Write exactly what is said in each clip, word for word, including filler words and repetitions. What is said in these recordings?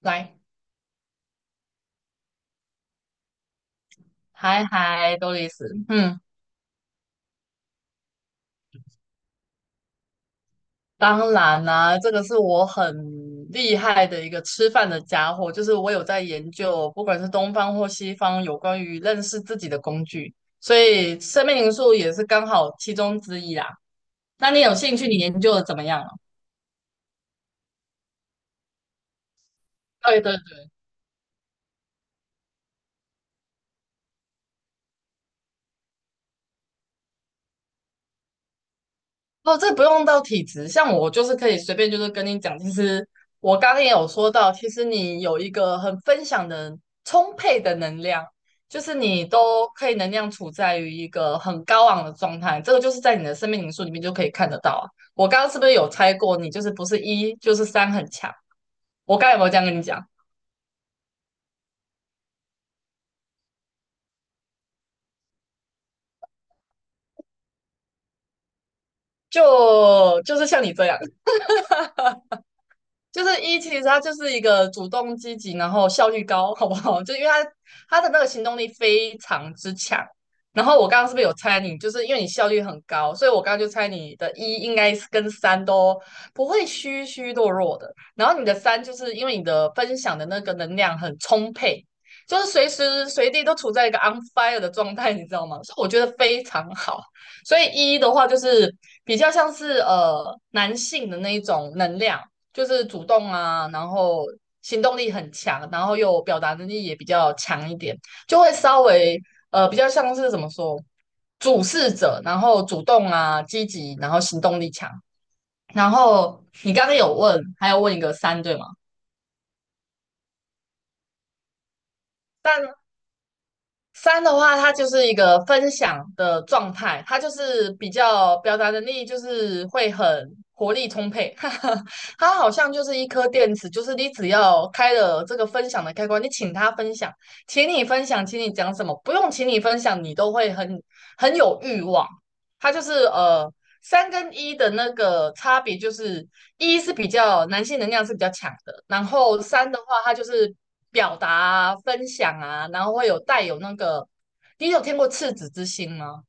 来，嗨嗨，多丽丝，嗯，当然啦、这个是我很厉害的一个吃饭的家伙，就是我有在研究，不管是东方或西方，有关于认识自己的工具，所以生命灵数也是刚好其中之一啦。那你有兴趣，你研究的怎么样了？对对对。哦，这不用到体质，像我就是可以随便就是跟你讲，其实我刚刚也有说到，其实你有一个很分享的充沛的能量，就是你都可以能量处在于一个很高昂的状态，这个就是在你的生命灵数里面就可以看得到啊。我刚刚是不是有猜过你就是不是一就是三很强？我刚刚有没有这样跟你讲？就就是像你这样。就是一，其实他就是一个主动积极，然后效率高，好不好？就因为他他的那个行动力非常之强。然后我刚刚是不是有猜你？就是因为你效率很高，所以我刚刚就猜你的一应该是跟三都不会虚虚弱弱的。然后你的三就是因为你的分享的那个能量很充沛，就是随时随地都处在一个 on fire 的状态，你知道吗？所以我觉得非常好。所以一的话就是比较像是呃男性的那一种能量。就是主动啊，然后行动力很强，然后又表达能力也比较强一点，就会稍微呃比较像是怎么说，主事者，然后主动啊，积极，然后行动力强。然后你刚刚有问，还要问一个三对吗？但三的话，它就是一个分享的状态，它就是比较表达能力，就是会很活力充沛。哈哈，它好像就是一颗电池，就是你只要开了这个分享的开关，你请它分享，请你分享，请你讲什么，不用请你分享，你都会很很有欲望。它就是呃三跟一的那个差别就是一是比较男性能量是比较强的，然后三的话，它就是表达啊、分享啊，然后会有带有那个，你有听过赤子之心吗？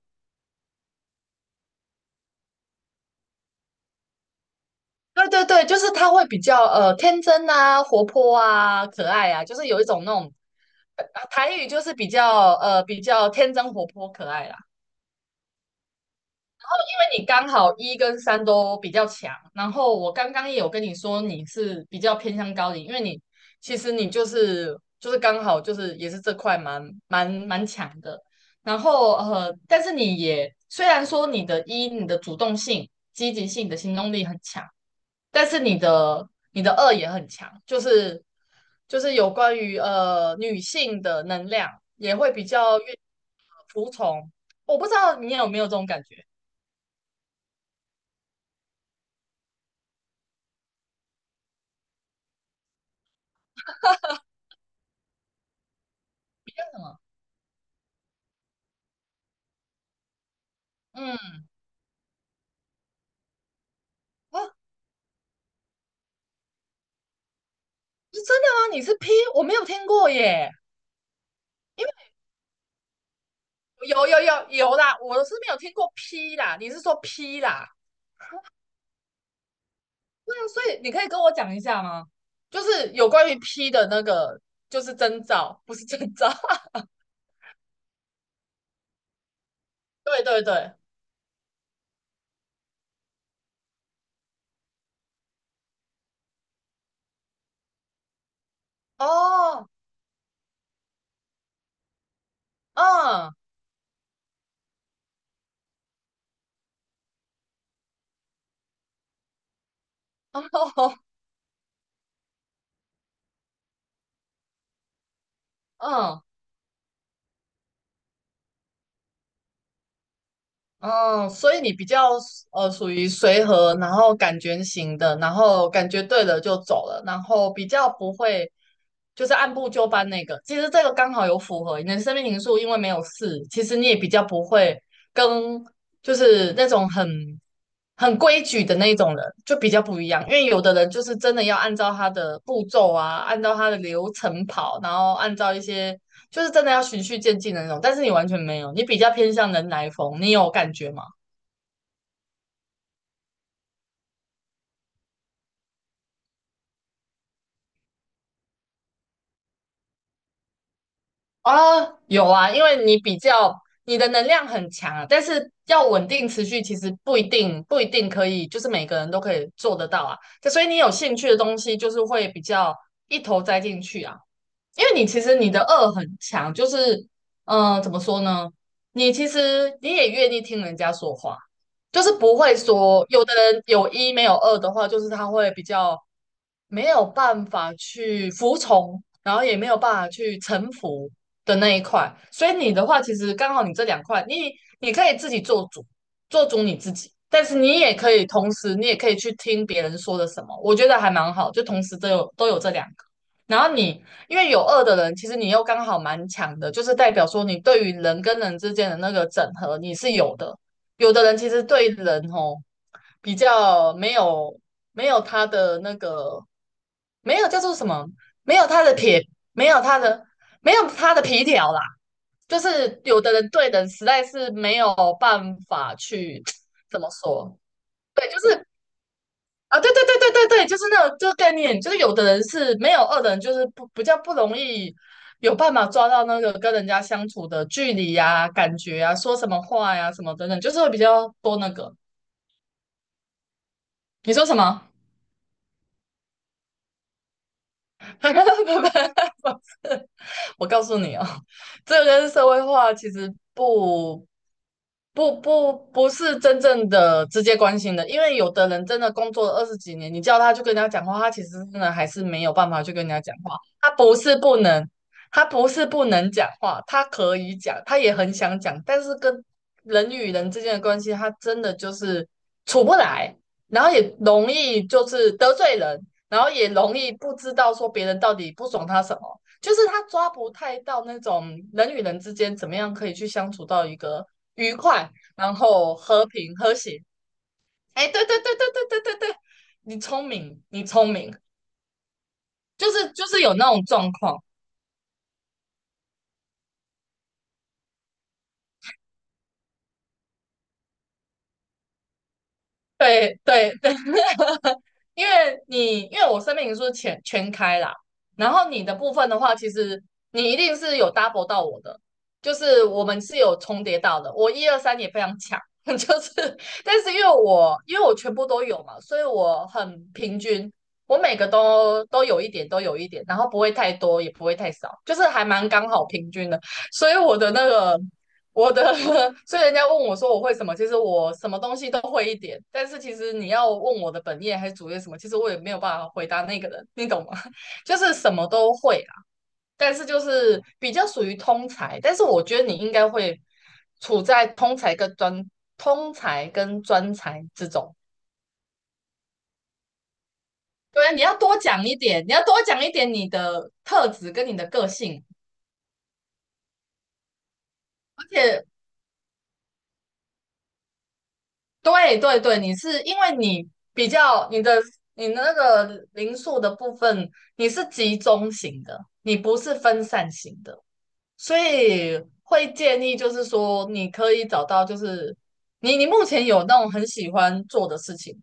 对对对，就是他会比较呃天真啊、活泼啊、可爱啊，就是有一种那种呃台语就是比较呃比较天真活泼可爱啦。你刚好一跟三都比较强，然后我刚刚也有跟你说你是比较偏向高龄，因为你其实你就是就是刚好就是也是这块蛮蛮蛮强的，然后呃，但是你也虽然说你的一你的主动性、积极性、你的行动力很强，但是你的你的二也很强，就是就是有关于呃女性的能量也会比较愿服从，我不知道你有没有这种感觉，嗯。哦，是真的吗？你是 P?我没有听过耶。因为有有有有啦，我是没有听过 P 啦，你是说 P 啦？对啊，所以你可以跟我讲一下吗？就是有关于 P 的那个，就是征兆，不是征兆。对对对，哦，嗯，哦，嗯。哦。哦，所以你比较呃属于随和，然后感觉型的，然后感觉对了就走了，然后比较不会就是按部就班那个。其实这个刚好有符合你的生命灵数，因为没有事，其实你也比较不会跟就是那种很很规矩的那种人就比较不一样。因为有的人就是真的要按照他的步骤啊，按照他的流程跑，然后按照一些。就是真的要循序渐进的那种，但是你完全没有，你比较偏向人来疯，你有感觉吗？啊，哦有啊，因为你比较你的能量很强啊，但是要稳定持续，其实不一定不一定可以，就是每个人都可以做得到啊。所以你有兴趣的东西，就是会比较一头栽进去啊。因为你其实你的恶很强，就是，嗯、呃怎么说呢？你其实你也愿意听人家说话，就是不会说有的人有一没有二的话，就是他会比较没有办法去服从，然后也没有办法去臣服的那一块。所以你的话，其实刚好你这两块，你你可以自己做主，做主你自己，但是你也可以同时，你也可以去听别人说的什么，我觉得还蛮好，就同时都有都有这两个。然后你因为有二的人，其实你又刚好蛮强的，就是代表说你对于人跟人之间的那个整合你是有的。有的人其实对人哦比较没有没有他的那个没有叫做什么，没有他的撇，没有他的没有他的皮条啦。就是有的人对人实在是没有办法去 怎么说，啊，对对对对对对，就是那种这个概念，就是有的人是没有二的人，就是不比较不容易有办法抓到那个跟人家相处的距离呀、感觉啊、说什么话呀、什么等等，就是会比较多那个。你说什么？不，不，不，我告诉你哦，这跟社会化其实不不不不是真正的直接关心的，因为有的人真的工作了二十几年，你叫他去跟人家讲话，他其实真的还是没有办法去跟人家讲话。他不是不能，他不是不能讲话，他可以讲，他也很想讲，但是跟人与人之间的关系，他真的就是处不来，然后也容易就是得罪人，然后也容易不知道说别人到底不爽他什么。就是他抓不太到那种人与人之间怎么样可以去相处到一个愉快，然后和平和谐。哎，对对对对对对对对，你聪明，你聪明，就是就是有那种状况。对对，因为你因为我生命灵数全全开啦，然后你的部分的话，其实你一定是有 double 到我的，就是我们是有重叠到的。我一二三也非常强，就是但是因为我因为我全部都有嘛，所以我很平均，我每个都都有一点，都有一点，然后不会太多，也不会太少，就是还蛮刚好平均的。所以我的那个我的，所以人家问我说我会什么，其实我什么东西都会一点，但是其实你要问我的本业还是主业什么，其实我也没有办法回答那个人，你懂吗？就是什么都会啦，但是就是比较属于通才，但是我觉得你应该会处在通才跟专通才跟专才之中。对啊，你要多讲一点，你要多讲一点你的特质跟你的个性，而且对对对，你是因为你比较你的你的那个零数的部分，你是集中型的，你不是分散型的，所以会建议就是说，你可以找到就是你你目前有那种很喜欢做的事情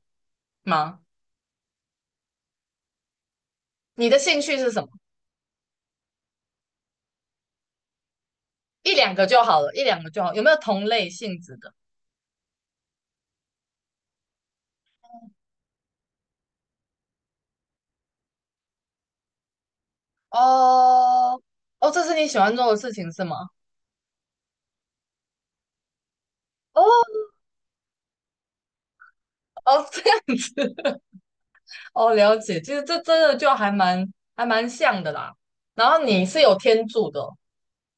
吗？你的兴趣是什么？一两个就好了，一两个就好。有没有同类性质的？哦。哦，这是你喜欢做的事情是吗？哦。哦，这样子。哦，了解，其实这真的就还蛮还蛮像的啦。然后你是有天助的，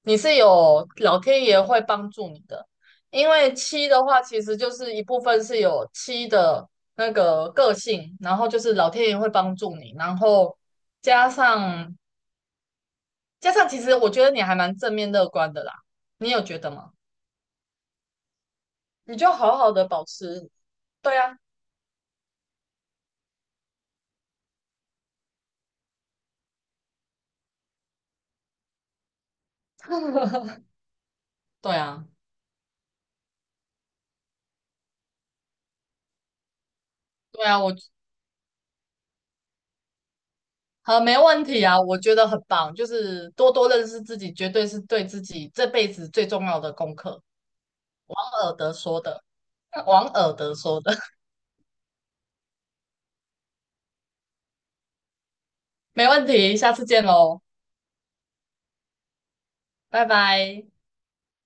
你是有老天爷会帮助你的，因为七的话，其实就是一部分是有七的那个个性，然后就是老天爷会帮助你，然后加上加上，其实我觉得你还蛮正面乐观的啦，你有觉得吗？你就好好的保持，对啊，对啊，对啊，我好，没问题啊，我觉得很棒，就是多多认识自己，绝对是对自己这辈子最重要的功课。王尔德说的，王尔德说的，没问题，下次见喽，拜拜。